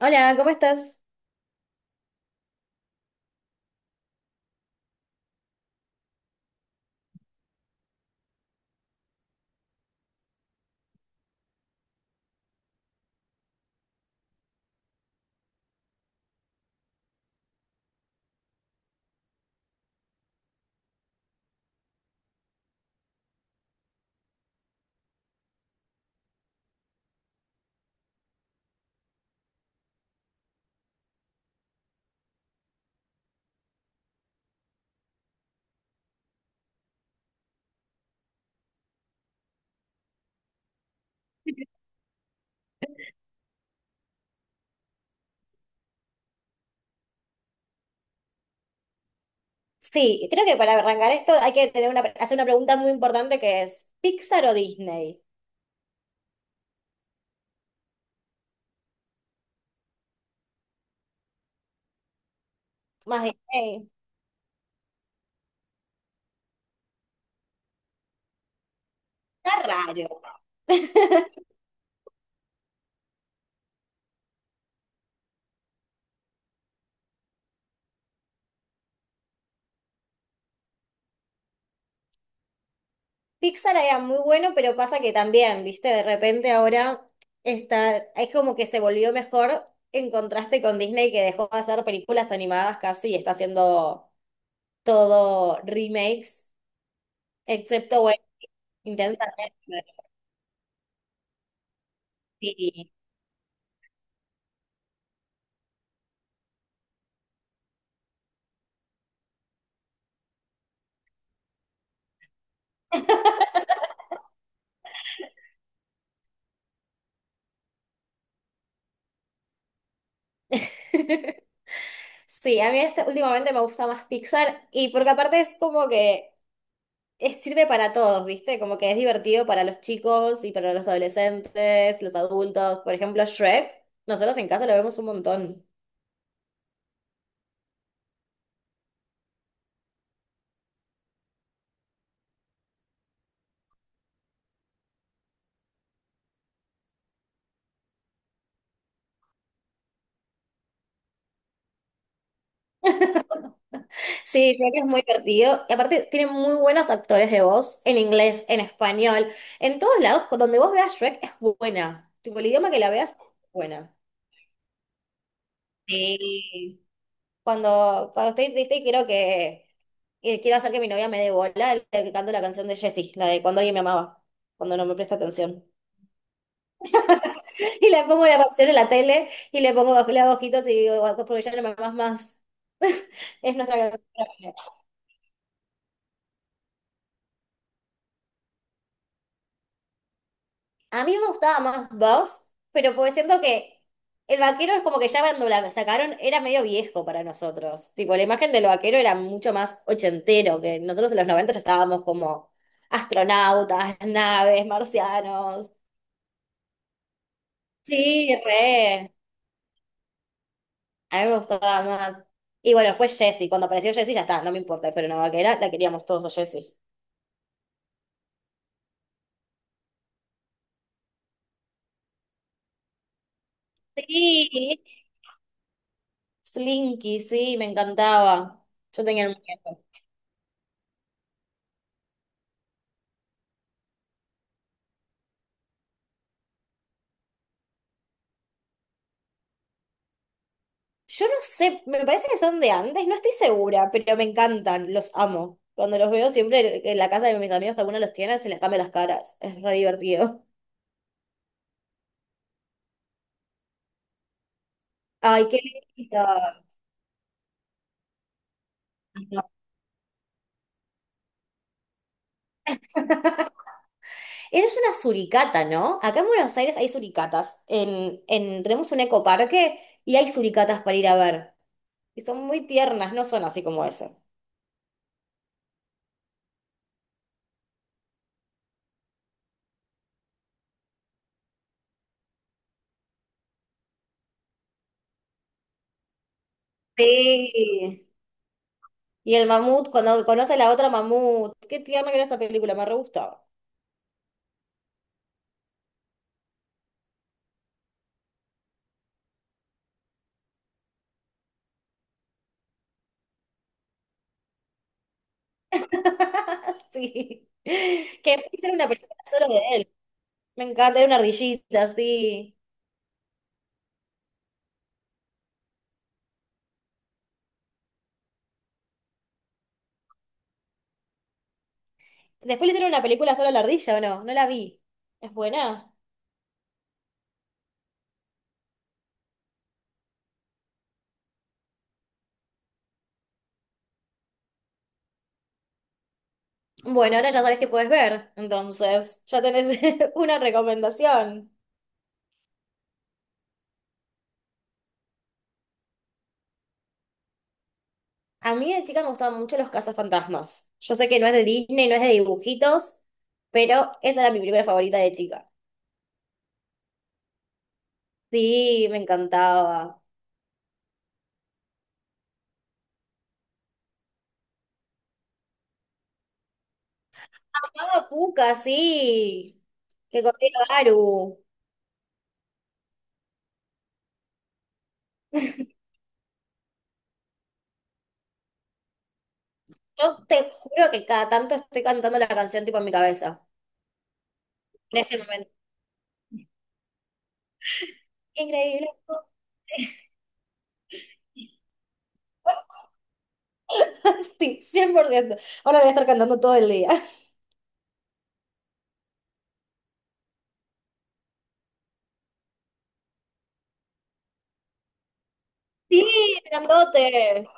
Hola, ¿cómo estás? Sí, creo que para arrancar esto hay que tener una, hacer una pregunta muy importante que es, ¿Pixar o Disney? Más Disney. Está raro. Pixar era muy bueno, pero pasa que también, viste, de repente ahora está, es como que se volvió mejor en contraste con Disney que dejó de hacer películas animadas casi y está haciendo todo remakes, excepto, bueno, intensamente. Sí. Sí, a mí últimamente me gusta más Pixar y porque aparte es como que sirve para todos, ¿viste? Como que es divertido para los chicos y para los adolescentes, los adultos. Por ejemplo, Shrek, nosotros en casa lo vemos un montón. Sí, Shrek es muy divertido y aparte tiene muy buenos actores de voz en inglés, en español, en todos lados, donde vos veas Shrek es buena. Tipo, el idioma que la veas es buena. Sí. Cuando estoy triste quiero que, quiero hacer que mi novia me dé bola, le canto la canción de Jessie, la de cuando alguien me amaba, cuando no me presta atención. Y le pongo la canción en la tele y le pongo bajo las hojitas y digo, "Guau, porque ya no me amas más". Es nuestra canción favorita. A mí me gustaba más Buzz, pero porque siento que el vaquero es como que ya cuando la sacaron era medio viejo para nosotros. Tipo, la imagen del vaquero era mucho más ochentero, que nosotros en los 90 ya estábamos como astronautas, naves, marcianos. Sí, re. A mí me gustaba más. Y bueno, después Jessie. Cuando apareció Jessie, ya está, no me importa. Pero una vaquera, la queríamos todos a Jessie. Sí. Slinky, sí, me encantaba. Yo tenía el muñeco. Yo no sé, me parece que son de antes, no estoy segura, pero me encantan, los amo. Cuando los veo siempre en la casa de mis amigos, que alguno los tiene, se les cambia las caras. Es re divertido. Ay, qué lindo. Esa es una suricata, ¿no? Acá en Buenos Aires hay suricatas. Tenemos un ecoparque y hay suricatas para ir a ver. Y son muy tiernas, no son así como eso. Sí. Y el mamut, cuando conoce a la otra mamut. Qué tierna que era esa película, me re gustaba. Sí. Que después hicieron una película solo de él. Me encanta, era una ardillita, sí. Después le hicieron una película solo a la ardilla, ¿o no? No la vi. ¿Es buena? Bueno, ahora ya sabes que puedes ver. Entonces, ya tenés una recomendación. A mí de chica me gustaban mucho los cazafantasmas. Yo sé que no es de Disney, no es de dibujitos, pero esa era mi primera favorita de chica. Sí, me encantaba. Amaba Puka, sí. Que corría Garu. Yo te juro que cada tanto estoy cantando la canción tipo en mi cabeza. En este momento. Increíble. Sí, 100%. Ahora voy a estar cantando todo el día. Sí, grandote.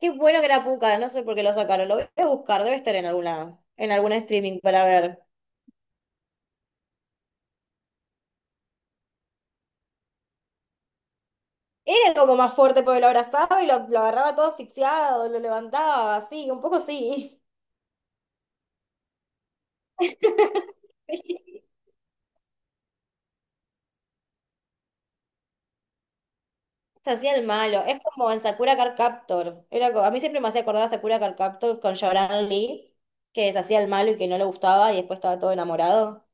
Qué bueno que era Puka, no sé por qué lo sacaron. Lo voy a buscar, debe estar en alguna, en algún streaming para ver. Era como más fuerte porque lo abrazaba y lo agarraba todo asfixiado, lo levantaba, así, un poco sí. Se hacía el malo. Es como en Sakura Card Captor. Era, a mí siempre me hacía acordar a Sakura Card Captor con Shaoran Lee, que se hacía el malo y que no le gustaba y después estaba todo enamorado.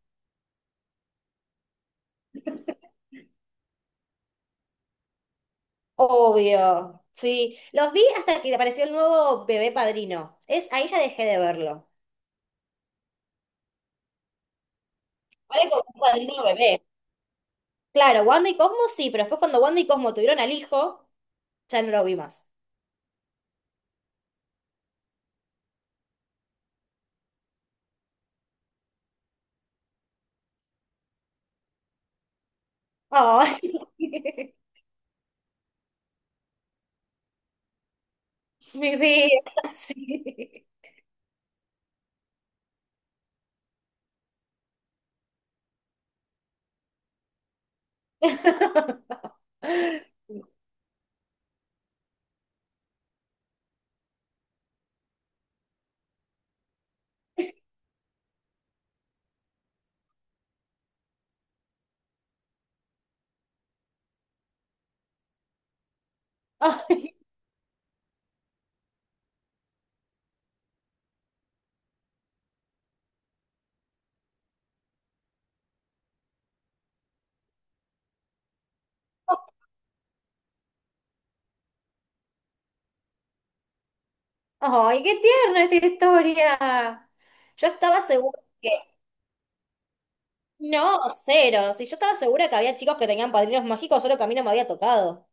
Obvio, sí. Los vi hasta que apareció el nuevo bebé padrino. Es, ahí ya dejé de verlo. Ahora como un padrino bebé. Claro, Wanda y Cosmo sí, pero después cuando Wanda y Cosmo tuvieron al hijo, ya no lo vi más. Ay. Mi vida, sí. Ay, no, ay, qué tierna esta historia. Yo estaba segura que... No, cero. Si yo estaba segura que había chicos que tenían padrinos mágicos, solo que a mí no me había tocado.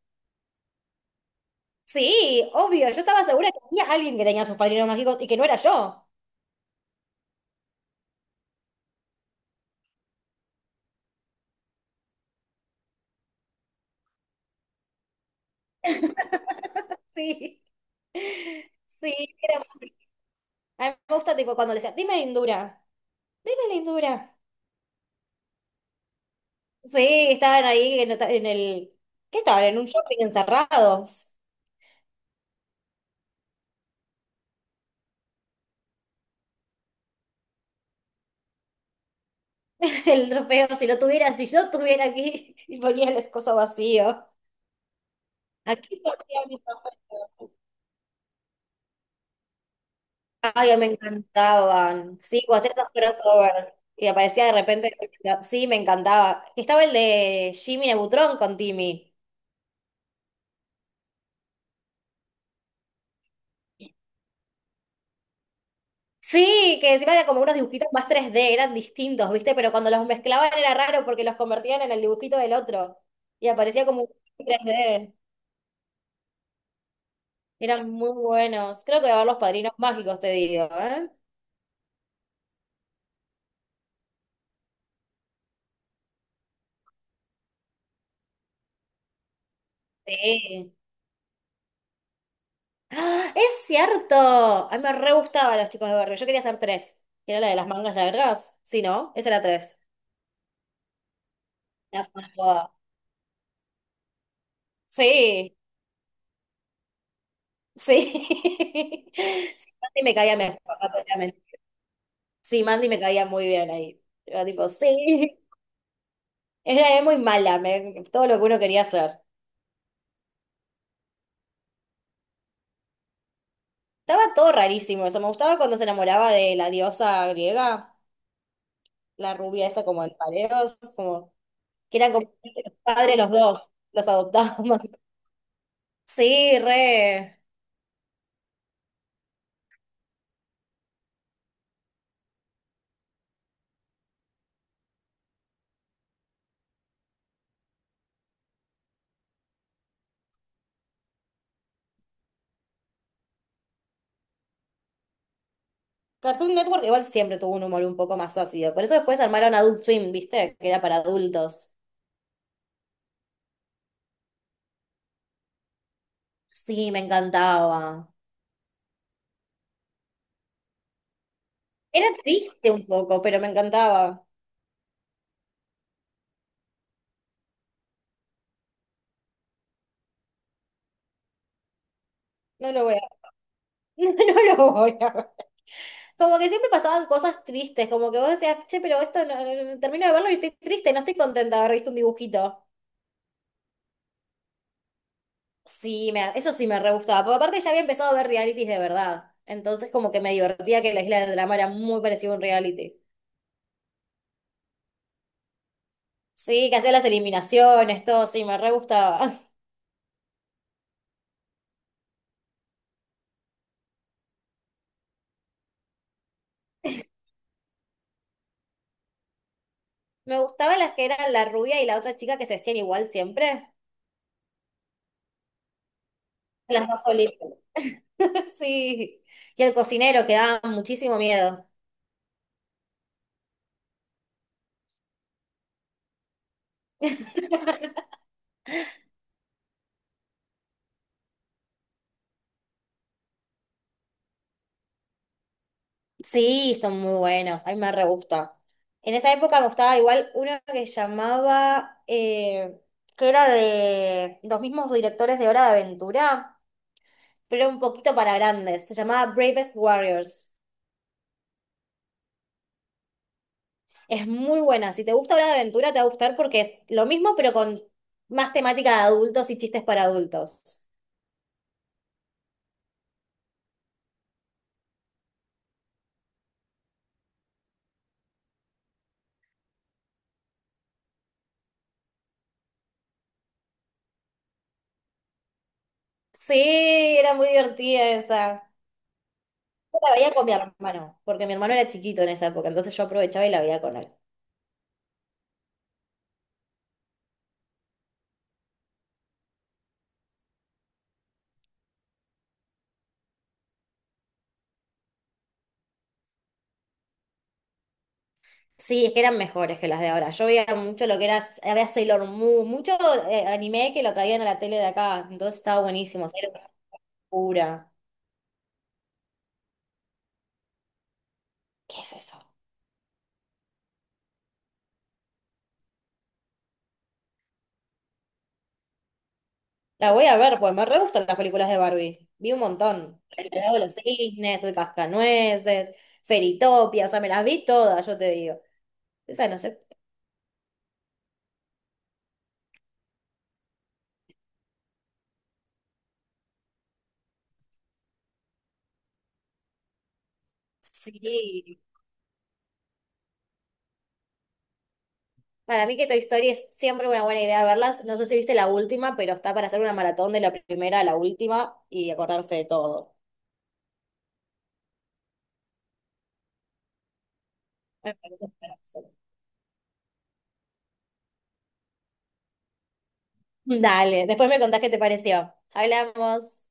Sí, obvio. Yo estaba segura que había alguien que tenía sus padrinos mágicos y que no era yo. Sí, sí. Era... A mí me gusta tipo cuando le decía, dime lindura. Sí, estaban ahí en el... ¿Qué estaban? En un shopping encerrados. El trofeo, si lo tuviera, si yo estuviera aquí y ponía el escozo vacío. Aquí ponía mi trofeo. Ay, me encantaban. Sí, cuando hacía esos crossover y aparecía de repente. Sí, me encantaba. Estaba el de Jimmy Neutron con Timmy. Sí, que encima eran como unos dibujitos más 3D, eran distintos, ¿viste? Pero cuando los mezclaban era raro porque los convertían en el dibujito del otro. Y aparecía como un 3D. Eran muy buenos. Creo que va a haber los padrinos mágicos, te digo, ¿eh? Sí. ¡Ah! ¡Es cierto! A mí me re gustaban los chicos del barrio. Yo quería hacer tres, que era la de las mangas largas. Sí, ¿no? Esa era tres. La más guapa. Sí, sí. Sí, Mandy me caía mejor, no te voy a mentir. Sí, Mandy me caía muy bien ahí. Yo tipo, sí. Era muy mala, todo lo que uno quería hacer. Estaba todo rarísimo eso. Me gustaba cuando se enamoraba de la diosa griega, la rubia esa como en pareos, como que eran como los padres los dos, los adoptados. Sí, re. Cartoon Network igual siempre tuvo un humor un poco más ácido. Por eso después armaron Adult Swim, ¿viste? Que era para adultos. Sí, me encantaba. Era triste un poco, pero me encantaba. No lo voy a... No lo voy a ver. Como que siempre pasaban cosas tristes, como que vos decías, che, pero esto no, termino de verlo y estoy triste, no estoy contenta de haber visto un dibujito. Sí, me, eso sí me re gustaba, porque aparte ya había empezado a ver realities de verdad. Entonces como que me divertía que la Isla del Drama era muy parecido a un reality. Sí, que hacía las eliminaciones, todo, sí, me re gustaba. Me gustaban las que eran la rubia y la otra chica que se vestían igual siempre. Las dos solitas. Sí. Y el cocinero, que daba muchísimo miedo. Sí, son muy buenos, a mí me re gusta. En esa época me gustaba igual uno que llamaba, que era de los mismos directores de Hora de Aventura, pero era un poquito para grandes. Se llamaba Bravest Warriors. Es muy buena. Si te gusta Hora de Aventura, te va a gustar porque es lo mismo, pero con más temática de adultos y chistes para adultos. Sí, era muy divertida esa. Yo la veía con mi hermano, porque mi hermano era chiquito en esa época, entonces yo aprovechaba y la veía con él. Sí, es que eran mejores que las de ahora. Yo veía mucho lo que era, había Sailor Moon, mucho anime que lo traían a la tele de acá, entonces estaba buenísimo. Sailor Moon pura. ¿Qué es eso? La voy a ver, pues me re gustan las películas de Barbie. Vi un montón. El Lago de los Cisnes, el Cascanueces, Feritopia, o sea, me las vi todas, yo te digo. Esa no sé. Sí. Para mí que Toy Story es siempre una buena idea verlas. No sé si viste la última, pero está para hacer una maratón de la primera a la última y acordarse de todo. Me parece un pedazo. Dale, después me contás qué te pareció. Hablamos.